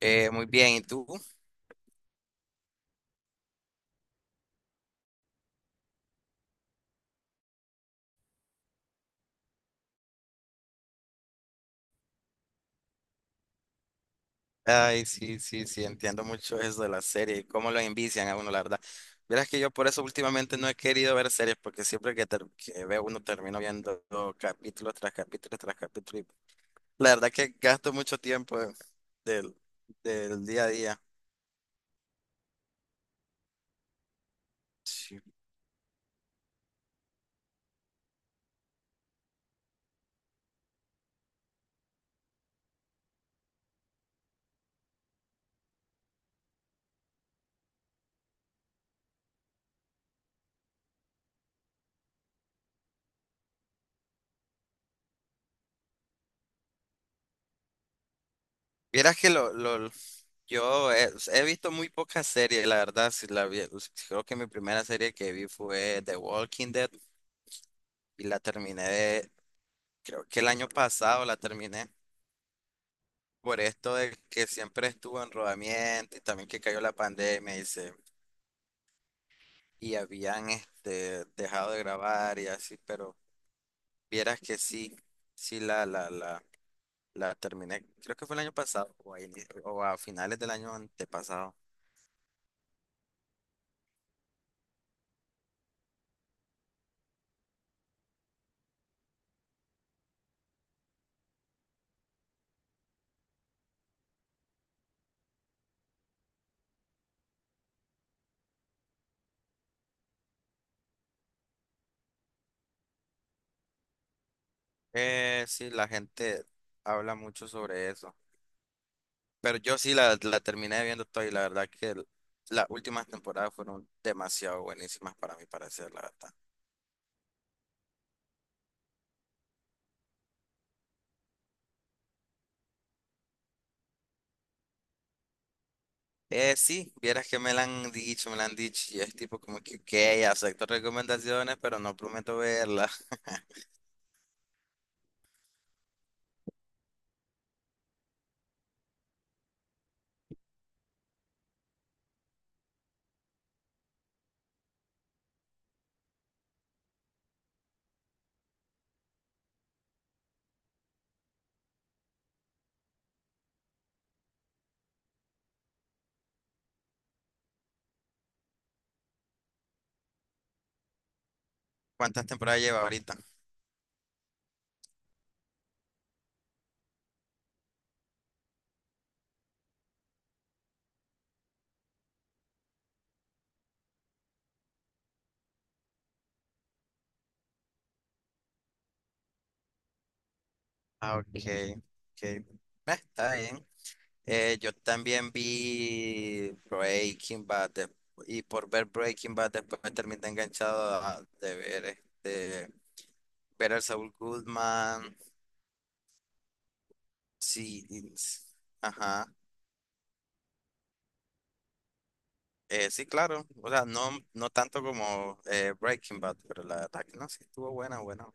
Muy bien, ¿y tú? Ay, sí, sí, sí, entiendo mucho eso de las series, cómo lo envician a uno, la verdad. Verás que yo por eso últimamente no he querido ver series, porque siempre que veo uno termino viendo capítulos tras capítulo. Y la verdad que gasto mucho tiempo del, del día a día. Sí. Vieras que lo- Yo he visto muy pocas series, la verdad. Si creo que mi primera serie que vi fue The Walking Dead y la creo que el año pasado la terminé, por esto de que siempre estuvo en rodamiento y también que cayó la y habían este dejado de grabar y así, pero vieras que sí, sí la, la, la, la terminé, creo que fue el año pasado o o a finales del año antepasado. Sí, la gente habla mucho sobre eso, pero yo la terminé viendo toda y la verdad las últimas temporadas fueron demasiado buenísimas para mí, para la verdad. Sí, vieras que me la han dicho, me la han dicho, y es tipo como que, ok, acepto recomendaciones, pero no prometo verla. ¿Cuántas temporadas lleva ahorita? Ah, ok, ok. Está bien. Yo también vi Breaking y por ver Breaking Bad después me terminé de ver este, Better Saul Goodman, sí, y- ajá. Sí, claro, o sea, no, no tanto como Breaking Bad, pero la verdad que no, sí, estuvo buena, buena.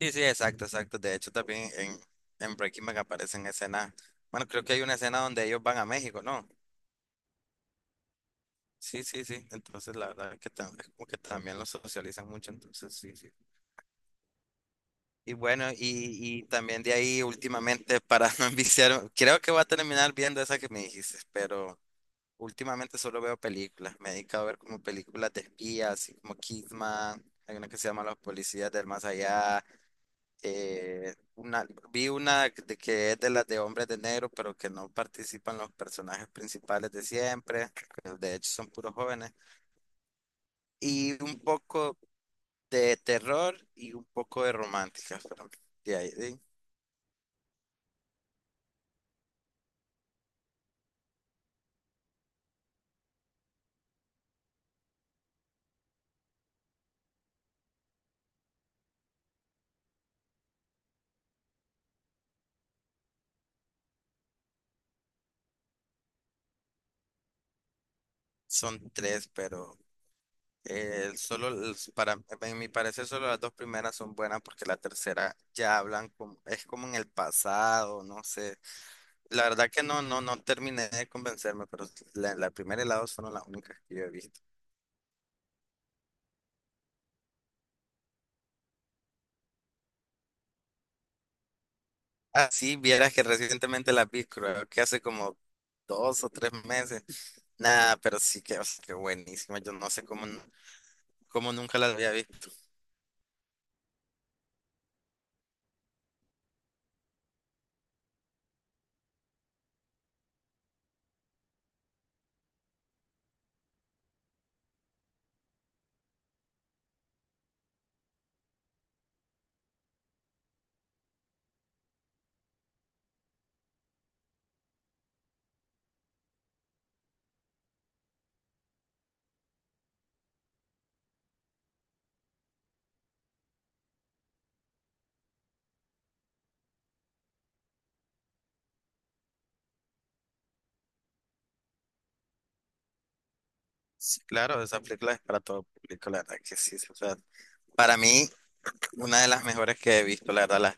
Sí, sí, exacto, exacto. De hecho, también en Breaking Bad aparecen escenas. Bueno, creo que hay una escena donde ellos van a México, ¿no? Sí, sí, sí. Entonces, la verdad es es como que también los socializan mucho. Entonces, sí, sí. Y bueno, y también de ahí, últimamente, para no enviciar, creo que voy a terminar viendo esa que me dijiste, pero últimamente solo veo películas. Me he dedicado a ver como películas de espías, así como Kidman. Hay una que se llama Los Policías del Más Allá. eh, una, Vi una de que es de las de hombres de negro, pero que no participan los personajes principales de siempre, que de hecho son puros jóvenes, y un poco de terror y un poco de románticas, pero de son tres, pero para en mi parecer solo las dos primeras son buenas porque la tercera ya hablan como, es como en el pasado, no sé. La verdad que no, no, no terminé de convencerme, pero la primera y la dos fueron las únicas que yo he visto. Ah, sí, vieras que recientemente la vi, creo que hace como dos o tres meses. Nada, pero sí que, o sea, que buenísima. Yo no sé cómo nunca la había visto. Sí, claro, esa película es para todo público, la verdad que sí. O sea, para mí, una de las mejores que he visto, la verdad,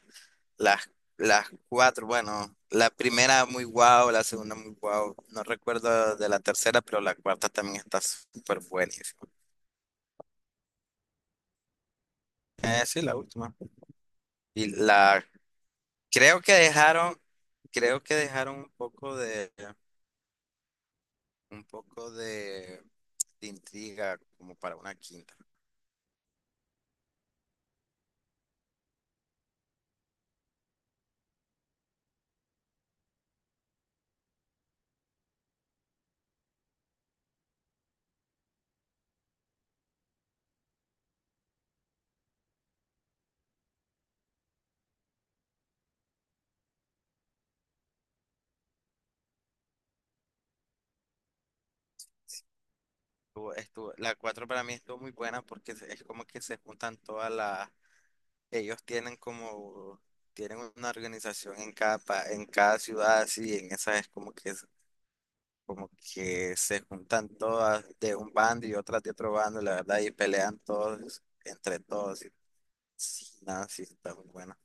las, las cuatro, bueno, la primera muy guau, la segunda muy guau. No recuerdo de la tercera, pero la cuarta también está súper buenísima. Sí, la última. Y la Creo que dejaron, Creo que dejaron un poco un poco de intriga como para una quinta. La cuatro para mí estuvo muy buena porque es como que se juntan todas las, ellos tienen como, tienen una organización en en cada ciudad así, en esa es como como que se juntan todas de un bando y otras de otro bando, la verdad, y pelean todos entre todos. Y, sí, nada, sí, está muy buena.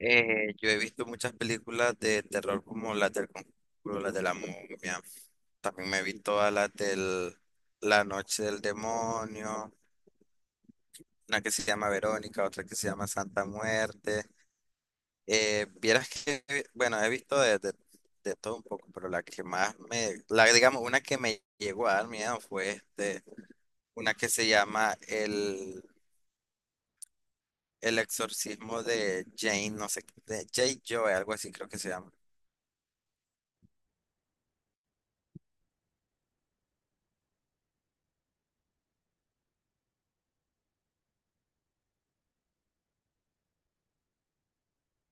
Yo he visto muchas películas de terror como las del Conjuro, las de la momia. También me he visto todas las del La Noche del Demonio, una que se llama Verónica, otra que se llama Santa Muerte. Eh, vieras que, bueno, he visto de todo un poco, pero la que más digamos, una que me llegó a dar miedo fue este, una que se llama El Exorcismo de Jane, no sé, de Jay Joy, algo así creo que se llama.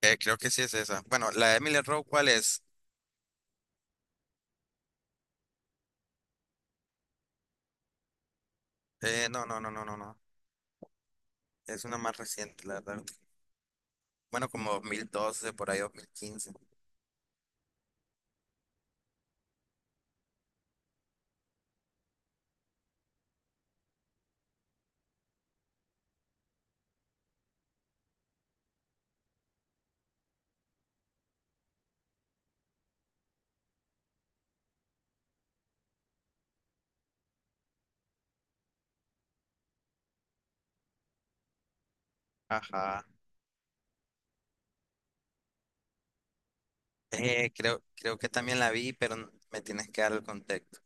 Creo que sí es esa. Bueno, la de Emily Rowe, ¿cuál es? No, no, no, no, no, no. Es una más reciente, la verdad. Bueno, como 2012, por ahí 2015. Ajá. Creo que también la vi, pero me tienes que dar el contexto.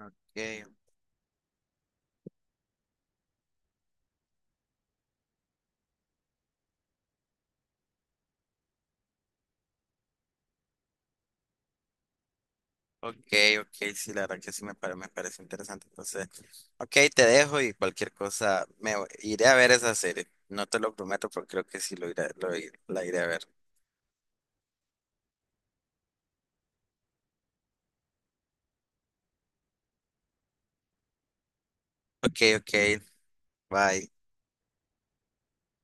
Okay. Ok, ok, sí, la verdad que sí me parece interesante. Entonces, ok, te dejo y cualquier cosa, iré a ver esa serie. No te lo prometo, pero creo que sí lo la iré a ver. Ok, ok, bye.